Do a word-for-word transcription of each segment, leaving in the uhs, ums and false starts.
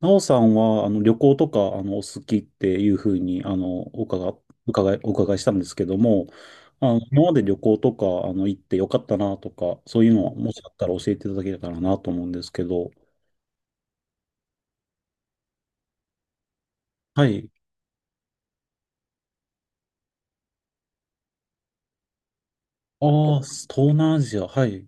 なおさんは、あの、旅行とか、あの、お好きっていうふうに、あの、お伺い、伺い、お伺いしたんですけども、あの、今まで旅行とか、あの、行ってよかったなとか、そういうのをもしあったら教えていただけたらなと思うんですけど、はい。ああ、東南アジア、はい。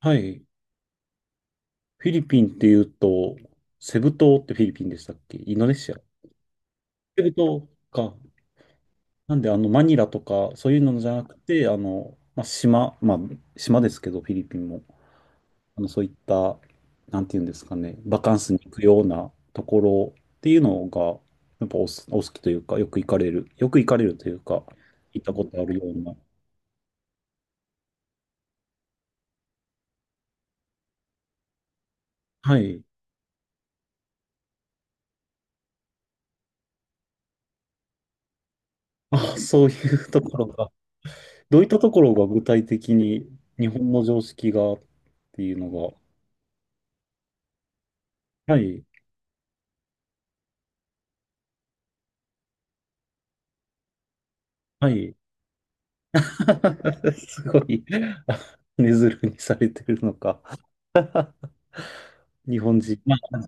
はい。フィリピンっていうと、セブ島ってフィリピンでしたっけ、インドネシア。セブ島か。なんで、あの、マニラとか、そういうのじゃなくて、あの、まあ、島、まあ、島ですけど、フィリピンも。あの、そういった、なんていうんですかね、バカンスに行くようなところっていうのが、やっぱおす、お好きというか、よく行かれる、よく行かれるというか、行ったことあるような。はい。あ、そういうところが、どういったところが具体的に日本の常識がっていうのが、はい、はい。すごい、あ、根ずるにされてるのか。日本人、まあ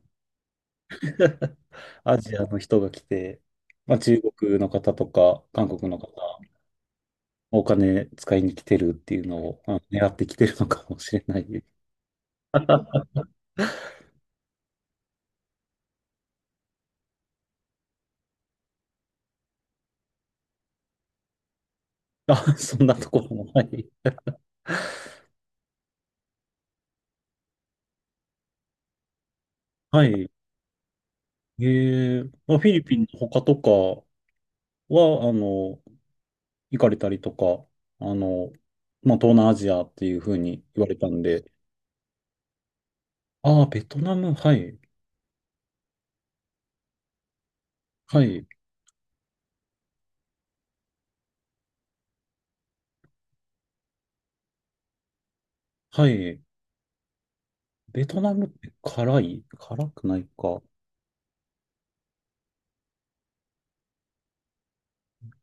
アジアの人が来て、まあ、中国の方とか、韓国の方、お金使いに来てるっていうのを、あ、狙ってきてるのかもしれない。あ、そんなところも。はい。はい。ええ、まあ、フィリピンの他とかは、あの、行かれたりとか、あの、まあ、東南アジアっていうふうに言われたんで。ああ、ベトナム、はい。はい。はい。ベトナムって辛い、辛くないか。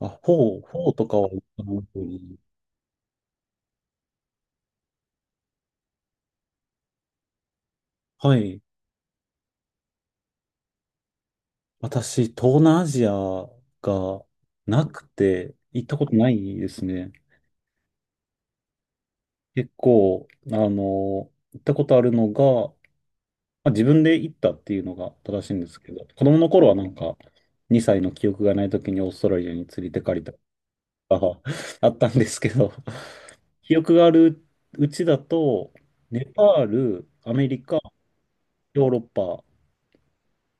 あ、フォー、フォーとかは、あの、はい。私、東南アジアがなくて、行ったことないですね。結構、あの、行ったことあるのが、まあ、自分で行ったっていうのが正しいんですけど、子供の頃はなんか、にさいの記憶がない時にオーストラリアに連れてかれたりとか あったんですけど、記憶があるうちだと、ネパール、アメリカ、ヨーロッパ、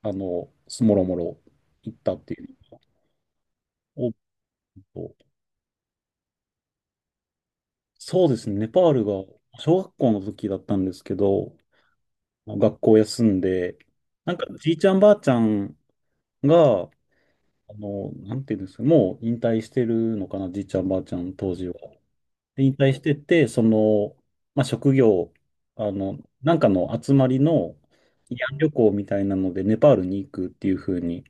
あの、もろもろ行ったっていうのが多く、そうですね。ネパールが小学校の時だったんですけど、学校休んで、なんかじいちゃんばあちゃんが、あの、なんていうんですか、もう引退してるのかな、じいちゃんばあちゃん当時は。で引退してて、その、まあ、職業、あの、なんかの集まりの慰安旅行みたいなので、ネパールに行くっていう風に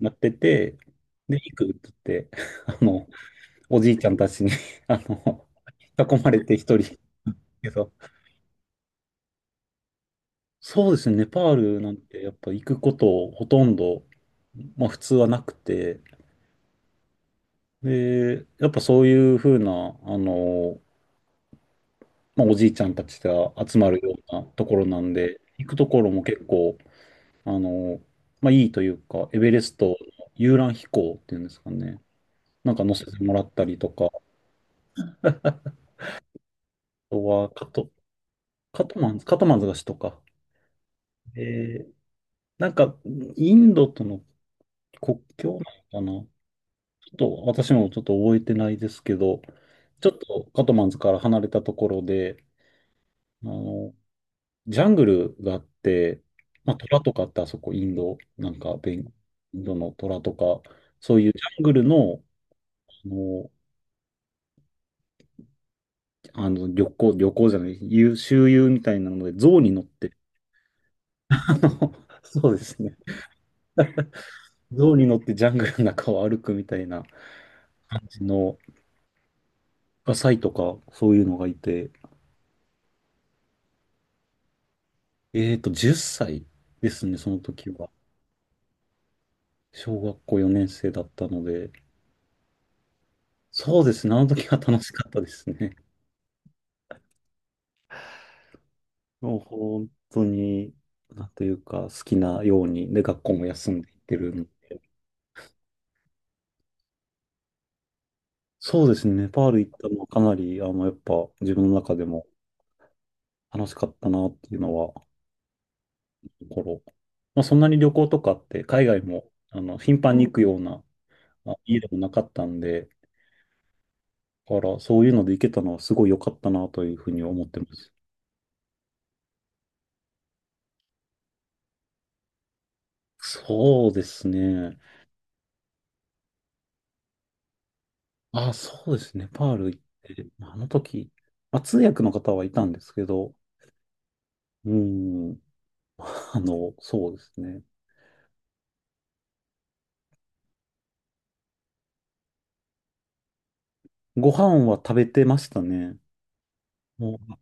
なってて、で、行くって言って、あの、おじいちゃんたちに あの、囲まれて一人、けど、そうですね、ネパールなんてやっぱ行くことほとんど、まあ普通はなくて、で、やっぱそういうふうな、あの、まあおじいちゃんたちが集まるようなところなんで、行くところも結構、あの、まあいいというか、エベレストの遊覧飛行っていうんですかね、なんか乗せてもらったりとか、あとはカト、カトマンズ、カトマンズが首都か。えー、なんかインドとの国境なのかな、ちょっと私もちょっと覚えてないですけど、ちょっとカトマンズから離れたところで、あの、ジャングルがあって、まあ、虎とかってあそこインド、なんかベン、インドの虎とか、そういうジャングルの、あの、あの旅行、旅行じゃない、遊周遊みたいなので、象に乗って、あの、そうですね。象に乗ってジャングルの中を歩くみたいな感じの、サイとか、そういうのがいて。えっと、じゅっさいですね、その時は。小学校よねん生だったので、そうですね、あの時は楽しかったですね。もう本当に、なんというか、好きなように、で、学校も休んでいってるんで、そうですね、ネパール行ったのはかなり、あの、やっぱ自分の中でも楽しかったなっていうのは、心。まあ、そんなに旅行とかって、海外も、あの、頻繁に行くような、まあ、家でもなかったんで、だから、そういうので行けたのはすごい良かったなというふうに思ってます。そうですね。あ、そうですね。パール行って、まあの時、まあ、通訳の方はいたんですけど、うん、あの、そうですね。ご飯は食べてましたね。もう、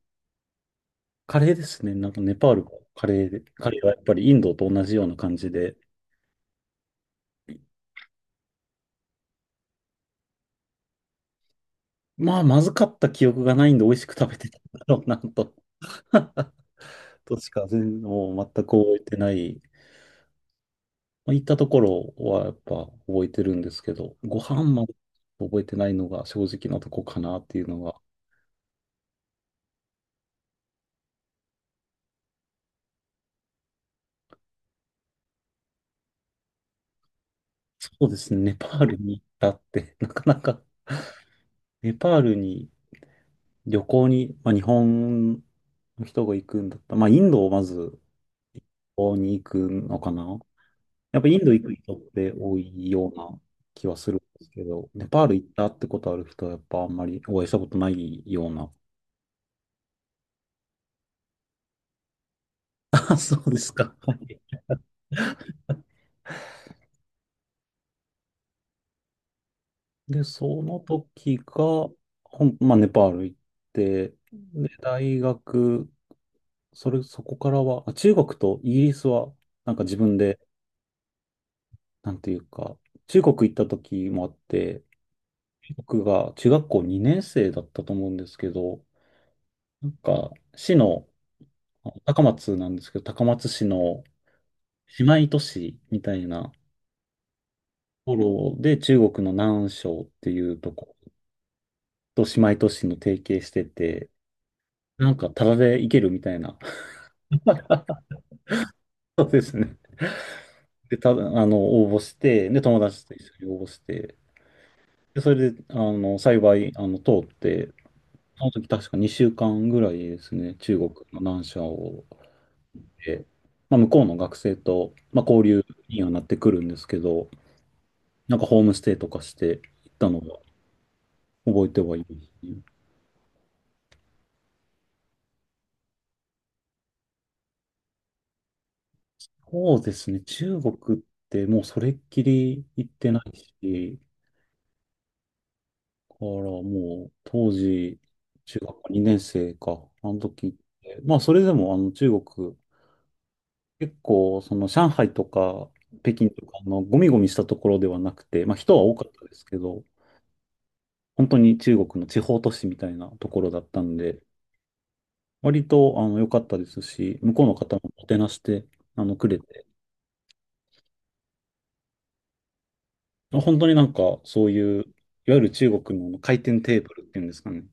カレーですね。なんかネパールもカレーで、カレーはやっぱりインドと同じような感じで、まあ、まずかった記憶がないんで美味しく食べてたんだろうなと、としか全、もう全く覚えてない。まあ、行ったところはやっぱ覚えてるんですけど、ご飯まで覚えてないのが正直なとこかなっていうのが、そうですね。ネパールに行ったって、なかなか、ネパールに旅行に、まあ、日本の人が行くんだったら、まあ、インドをまず旅行に行くのかな。やっぱインド行く人って多いような気はするんですけど、ネパール行ったってことある人はやっぱあんまりお会いしたことないような。あ、そうですか。はい。で、その時が、ほん、まあ、ネパール行って、で、大学、それ、そこからは、あ、中国とイギリスは、なんか自分でなんていうか、中国行った時もあって、僕が中学校にねん生だったと思うんですけど、なんか、市の、あ高松なんですけど、高松市の姉妹都市みたいなところで、中国の南昌っていうとこと姉妹都市の提携してて、なんか、タダで行けるみたいな。そうですね。で、た、あの、応募して、で、友達と一緒に応募して、で、それで、あの、幸い、あの、通って、その時確かにしゅうかんぐらいですね、中国の南沙を、で、まあ、向こうの学生と、まあ、交流にはなってくるんですけど、なんかホームステイとかして行ったのは覚えてはいますね。そうですね、中国ってもうそれっきり行ってないし、だからもう当時、中学校にねん生か、あの時って、まあそれでもあの中国、結構その上海とか北京とかのゴミゴミしたところではなくて、まあ人は多かったですけど、本当に中国の地方都市みたいなところだったんで、割とあの良かったですし、向こうの方ももてなしてあのくれて、本当になんかそういう、いわゆる中国の回転テーブルっていうんですかね。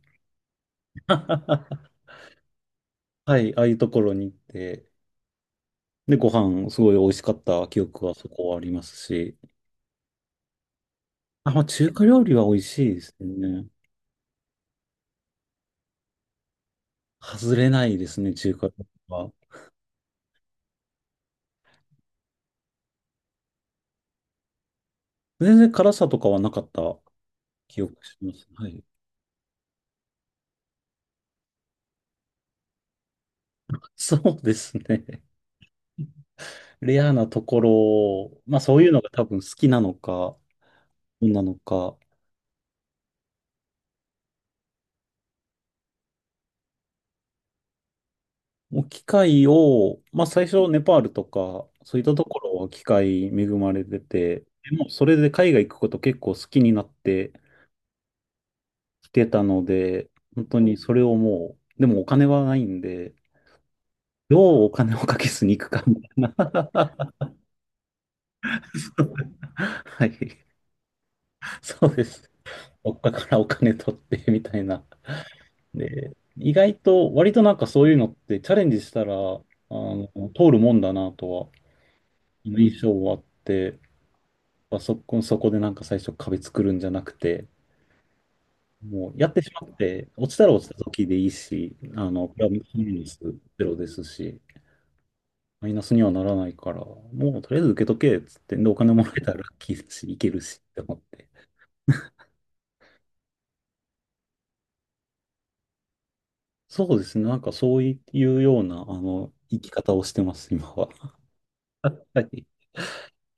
はい、ああいうところに行って、で、ご飯すごい美味しかった記憶はそこはありますし、あ、まあ、中華料理は美味しいですね。外れないですね、中華料理は。全然辛さとかはなかった記憶します。はい。そうですね。レアなところ、まあそういうのが多分好きなのか、どうなのか、もう機械を、まあ最初ネパールとか、そういったところは機械恵まれてて、でもそれで海外行くこと結構好きになってきてたので、本当にそれをもう、でもお金はないんで、どうお金をかけずに行くかみたいな。はい、そうです。どっかからお金取ってみたいなで、意外と、割となんかそういうのってチャレンジしたら、あの、通るもんだなとは、印象はあって、まあそこ、そこでなんか最初壁作るんじゃなくて、もうやってしまって、落ちたら落ちた時でいいし、あの、プラマイナスゼロですし、マイナスにはならないから、もうとりあえず受けとけっつって、で、お金もらえたらラッキーだし、いけるしって思って。そうですね、なんかそういうような、あの、生き方をしてます、今は。はい、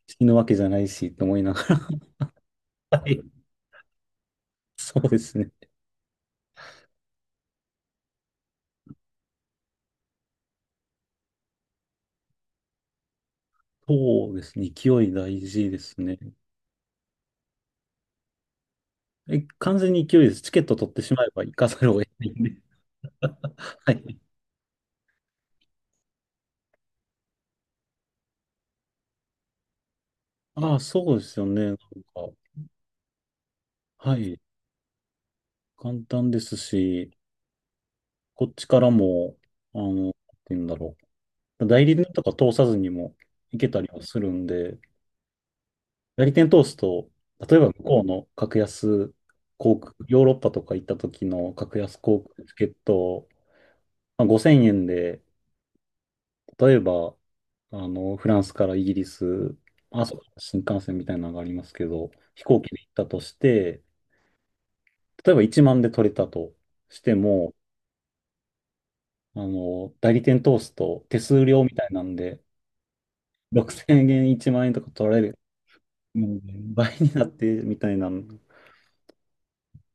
死ぬわけじゃないし、と思いながら。はい。そうですね。そうですね。勢い大事ですね。え、完全に勢いです。チケット取ってしまえば行かざるを得ないんで。はい。ああ、そうですよね。なんか、はい。簡単ですし、こっちからも、あの、なんて言うんだろう。代理店とか通さずにも行けたりはするんで、代理店通すと、例えば向こうの格安航空、ヨーロッパとか行った時の格安航空チケットを、まあ、ごせんえんで、例えば、あの、フランスからイギリス、あ、そう新幹線みたいなのがありますけど、飛行機で行ったとして、例えばいちまんで取れたとしても、あの、代理店通すと手数料みたいなんで、ろくせんえん、いちまん円とか取られる、もう倍になってみたいなん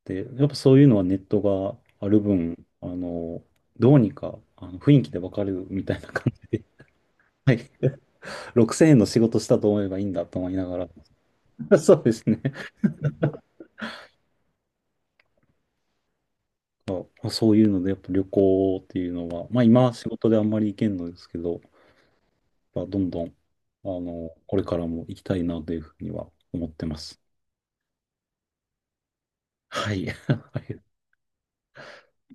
で、やっぱそういうのはネットがある分、あの、どうにか、あの、雰囲気でわかるみたいな感じで、はい、ろくせんえんの仕事したと思えばいいんだと思いながら、そうですね。まあ、そういうので、やっぱ旅行っていうのは、まあ今仕事であんまり行けんのですけど、まあ、どんどん、あの、これからも行きたいなというふうには思ってます。はい。ありがとうございます。